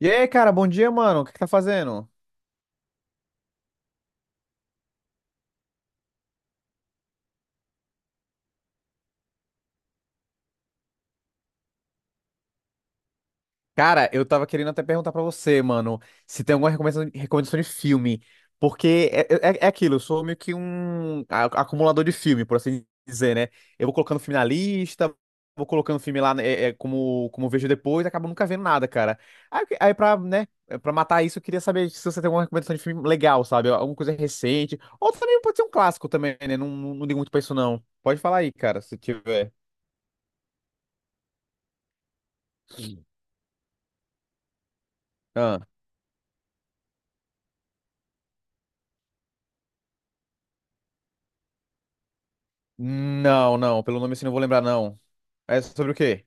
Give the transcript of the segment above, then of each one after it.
E aí, cara, bom dia, mano. O que que tá fazendo? Cara, eu tava querendo até perguntar pra você, mano, se tem alguma recomendação de filme. Porque é aquilo, eu sou meio que um acumulador de filme, por assim dizer, né? Eu vou colocando filme na lista, vou colocando filme lá, né, como vejo depois, acabo nunca vendo nada, cara. Aí, pra, né, pra matar isso, eu queria saber se você tem alguma recomendação de filme legal, sabe? Alguma coisa recente. Ou também pode ser um clássico também, né? Não, não, não ligo muito pra isso, não. Pode falar aí, cara, se tiver. Ah. Não, não. Pelo nome assim não vou lembrar, não. É sobre o quê?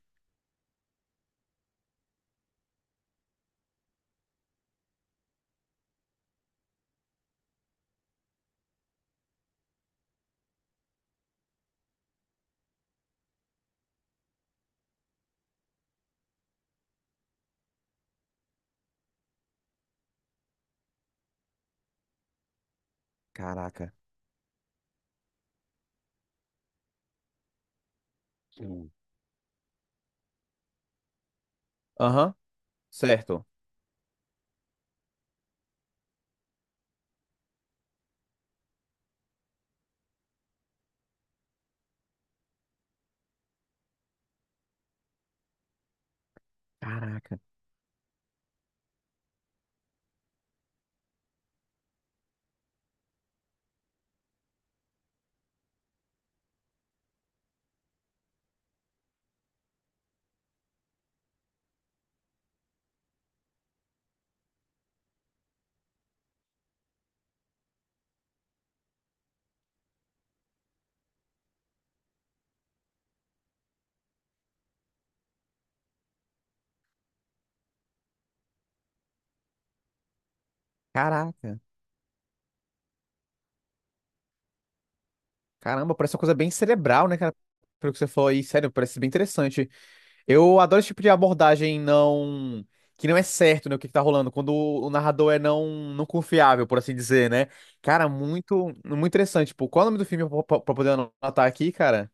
Caraca. Hum. Aham, certo. Caraca. Caraca. Caramba, parece uma coisa bem cerebral, né, cara? Pelo que você falou aí, sério, parece bem interessante. Eu adoro esse tipo de abordagem, não, que não é certo, né, o que que tá rolando, quando o narrador é não, não confiável, por assim dizer, né? Cara, muito, muito interessante. Tipo, qual é o nome do filme pra, pra poder anotar aqui, cara?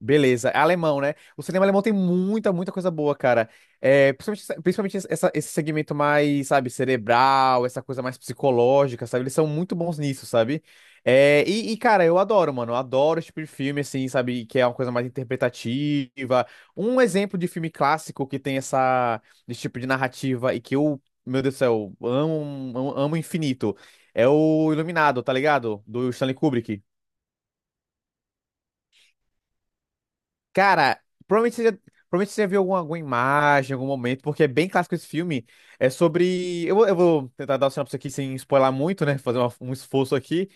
Beleza, é alemão, né? O cinema alemão tem muita, muita coisa boa, cara. É, principalmente esse segmento mais, sabe, cerebral, essa coisa mais psicológica, sabe? Eles são muito bons nisso, sabe? É, cara, eu adoro, mano. Eu adoro esse tipo de filme, assim, sabe? Que é uma coisa mais interpretativa. Um exemplo de filme clássico que tem esse tipo de narrativa e que eu, meu Deus do céu, amo, amo, amo infinito. É o Iluminado, tá ligado? Do Stanley Kubrick. Cara, provavelmente você já, provavelmente você já viu alguma imagem, em algum momento, porque é bem clássico esse filme. É sobre. Eu vou tentar dar o sinopse aqui sem spoiler muito, né? Fazer um esforço aqui.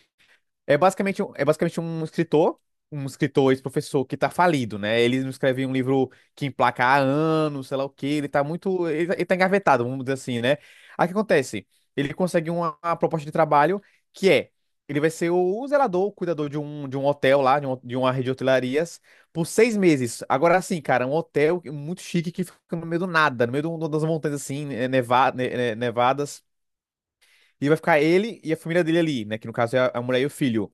É basicamente um escritor, ex-professor que tá falido, né? Ele não escreve um livro que emplaca há anos, sei lá o quê, ele tá muito. Ele tá engavetado, vamos dizer assim, né? Aí o que acontece? Ele consegue uma proposta de trabalho que é. Ele vai ser o zelador, o cuidador de um hotel lá, de uma rede de hotelarias, por 6 meses. Agora sim, cara, um hotel muito chique que fica no meio do nada, no meio das montanhas assim, nevadas. E vai ficar ele e a família dele ali, né? Que no caso é a mulher e o filho.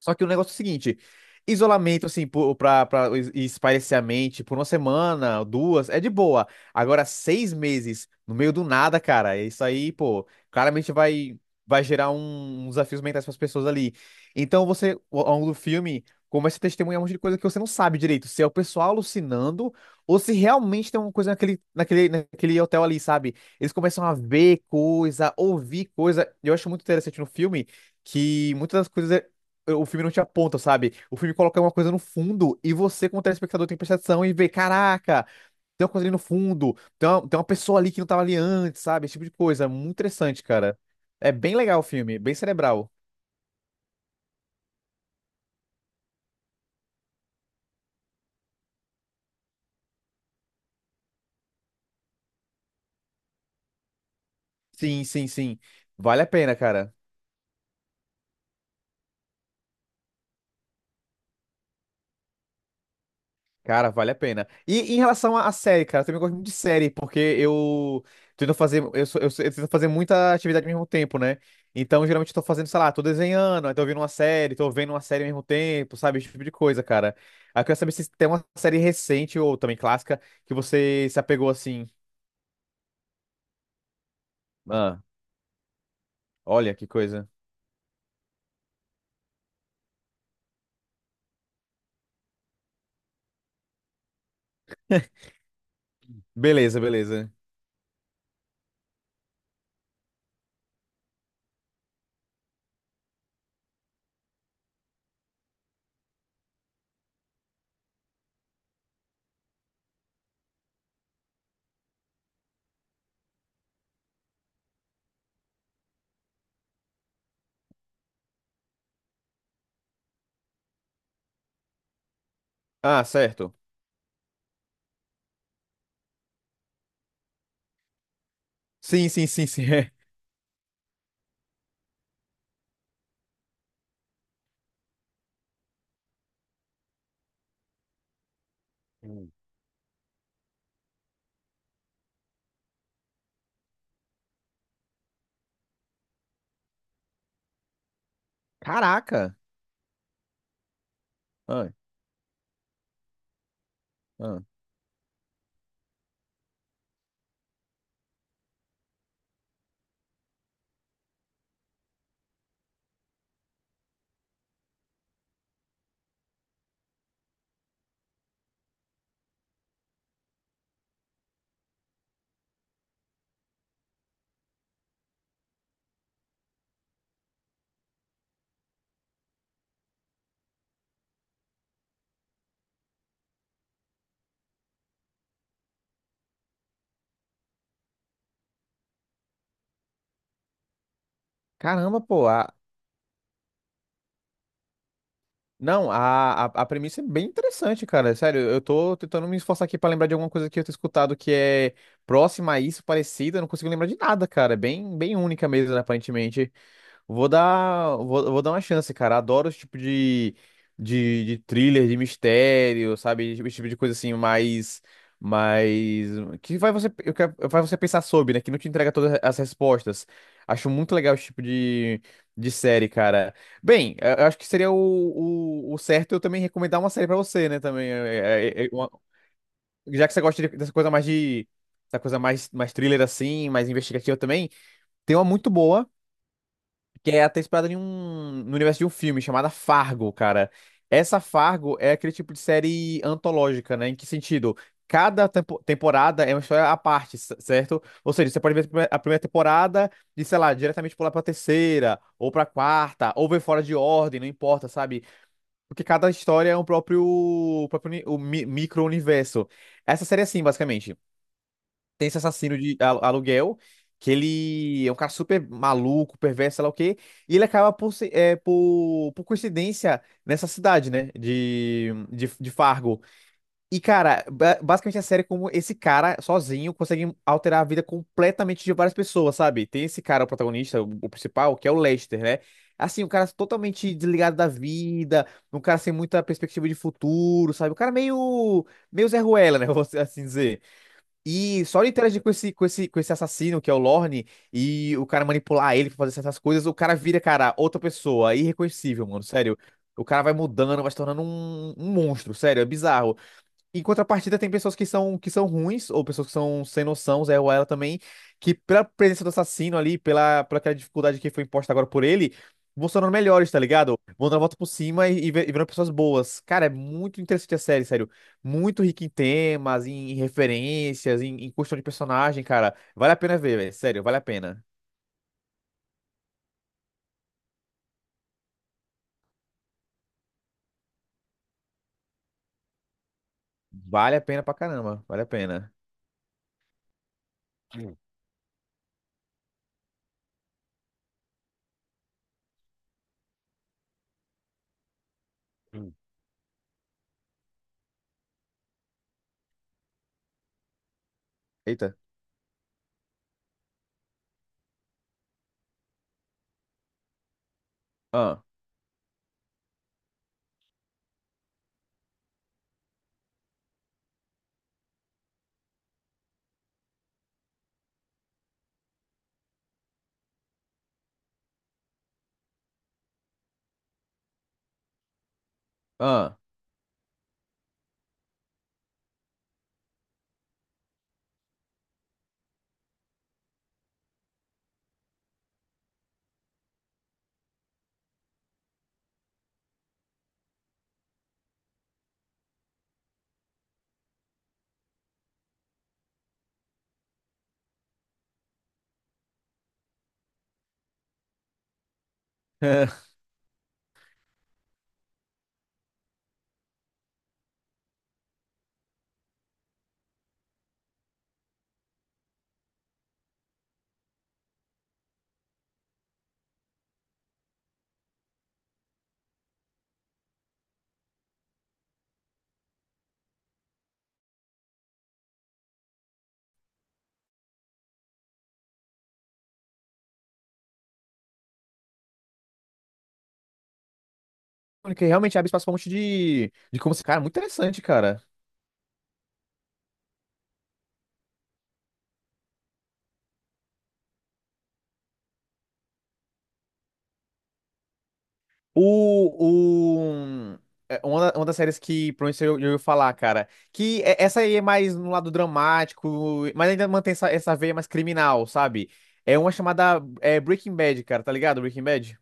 Só que o negócio é o seguinte: isolamento, assim, pra, pra espairecer a mente por uma semana, duas, é de boa. Agora, 6 meses, no meio do nada, cara, é isso aí, pô, claramente vai gerar uns desafios mentais pras pessoas ali. Então, você, ao longo do filme, começa a testemunhar um monte de coisa que você não sabe direito: se é o pessoal alucinando ou se realmente tem uma coisa naquele hotel ali, sabe? Eles começam a ver coisa, ouvir coisa. Eu acho muito interessante no filme que muitas das coisas é o filme não te aponta, sabe? O filme coloca uma coisa no fundo e você, como telespectador, tem que atenção e vê, caraca, tem uma coisa ali no fundo, tem uma pessoa ali que não tava ali antes, sabe? Esse tipo de coisa é muito interessante, cara. É bem legal o filme, bem cerebral. Sim, sim, sim. Vale a pena, cara. Cara, vale a pena. E, em relação à série, cara, eu também gosto muito de série, porque eu tento fazer, eu, sou- eu, sou- eu tento fazer muita atividade ao mesmo tempo, né? Então, geralmente eu tô fazendo, sei lá, tô desenhando, aí tô ouvindo uma série, tô vendo uma série ao mesmo tempo, sabe? Esse tipo de coisa, cara. Aí eu quero saber se tem uma série recente ou também clássica que você se apegou assim. Ah, olha que coisa. Beleza, beleza. Ah, certo. Sim, sim, sim, sim. é. Caraca. Ah, ah. Caramba, pô. Não, a premissa é bem interessante, cara. Sério, eu tô tentando me esforçar aqui pra lembrar de alguma coisa que eu tenho escutado que é próxima a isso, parecida. Eu não consigo lembrar de nada, cara. É bem, bem única mesmo, né, aparentemente. Vou dar uma chance, cara. Adoro esse tipo de thriller, de mistério, sabe? Esse tipo de coisa assim, mais, que vai você, faz você pensar sobre, né? Que não te entrega todas as respostas. Acho muito legal esse tipo de série, cara. Bem, eu acho que seria o certo eu também recomendar uma série pra você, né? Também, já que você gosta dessa coisa mais dessa coisa mais, mais thriller assim, mais investigativa também. Tem uma muito boa. Que é até inspirada em um, no universo de um filme chamada Fargo, cara. Essa Fargo é aquele tipo de série antológica, né? Em que sentido? Cada temporada é uma história à parte, c- certo? Ou seja, você pode ver a primeira temporada e, sei lá, diretamente pular pra terceira, ou pra quarta, ou ver fora de ordem, não importa, sabe? Porque cada história é um próprio, próprio uni- o mi- micro-universo. Essa série é assim, basicamente. Tem esse assassino de aluguel, que ele é um cara super maluco, perverso, sei lá o quê, e ele acaba por, se- é, por coincidência nessa cidade, né, de Fargo. E, cara, basicamente a série é como esse cara, sozinho, consegue alterar a vida completamente de várias pessoas, sabe? Tem esse cara, o protagonista, o principal, que é o Lester, né? Assim, um cara totalmente desligado da vida, um cara sem muita perspectiva de futuro, sabe? O cara meio Zé Ruela, né? Vou assim dizer. E só ele interagir com esse assassino, que é o Lorne, e o cara manipular ele pra fazer certas coisas, o cara vira, cara, outra pessoa, é irreconhecível, mano, sério. O cara vai mudando, vai se tornando um monstro, sério, é bizarro. Em contrapartida, tem pessoas que são ruins, ou pessoas que são sem noção, Zé Ruela também, que pela presença do assassino ali, pela aquela dificuldade que foi imposta agora por ele, vão se tornando melhores, tá ligado? Vão dando a volta por cima e, e virando pessoas boas. Cara, é muito interessante a série, sério. Muito rica em temas, em referências, em questão de personagem, cara. Vale a pena ver, velho. Sério, vale a pena. Vale a pena pra caramba. Vale a pena. Hum, hum. Eita. Ah, ah. Porque realmente abre espaço pra um monte de como. Cara, é muito interessante, cara. O, é, uma, da- uma das séries que provavelmente eu ia falar, cara, essa aí é mais no lado dramático, mas ainda mantém essa veia mais criminal, sabe? É uma chamada Breaking Bad, cara, tá ligado? Breaking Bad?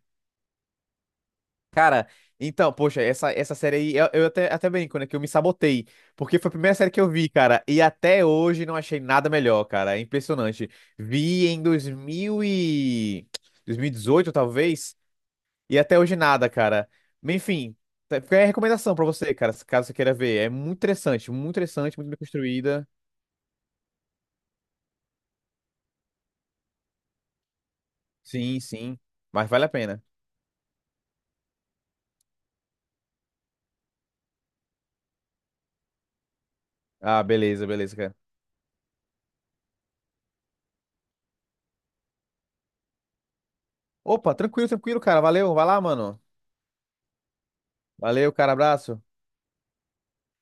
Cara, então, poxa, essa série aí, eu até brinco, né, que eu me sabotei, porque foi a primeira série que eu vi, cara, e até hoje não achei nada melhor, cara, é impressionante. Vi em 2018 talvez. E até hoje nada, cara. Mas, enfim, fica aí a recomendação pra você, cara, caso você queira ver. É muito interessante, muito interessante, muito bem construída. Sim, sim. Mas vale a pena. Ah, beleza, beleza, cara. Opa, tranquilo, tranquilo, cara. Valeu, vai lá, mano. Valeu, cara, abraço.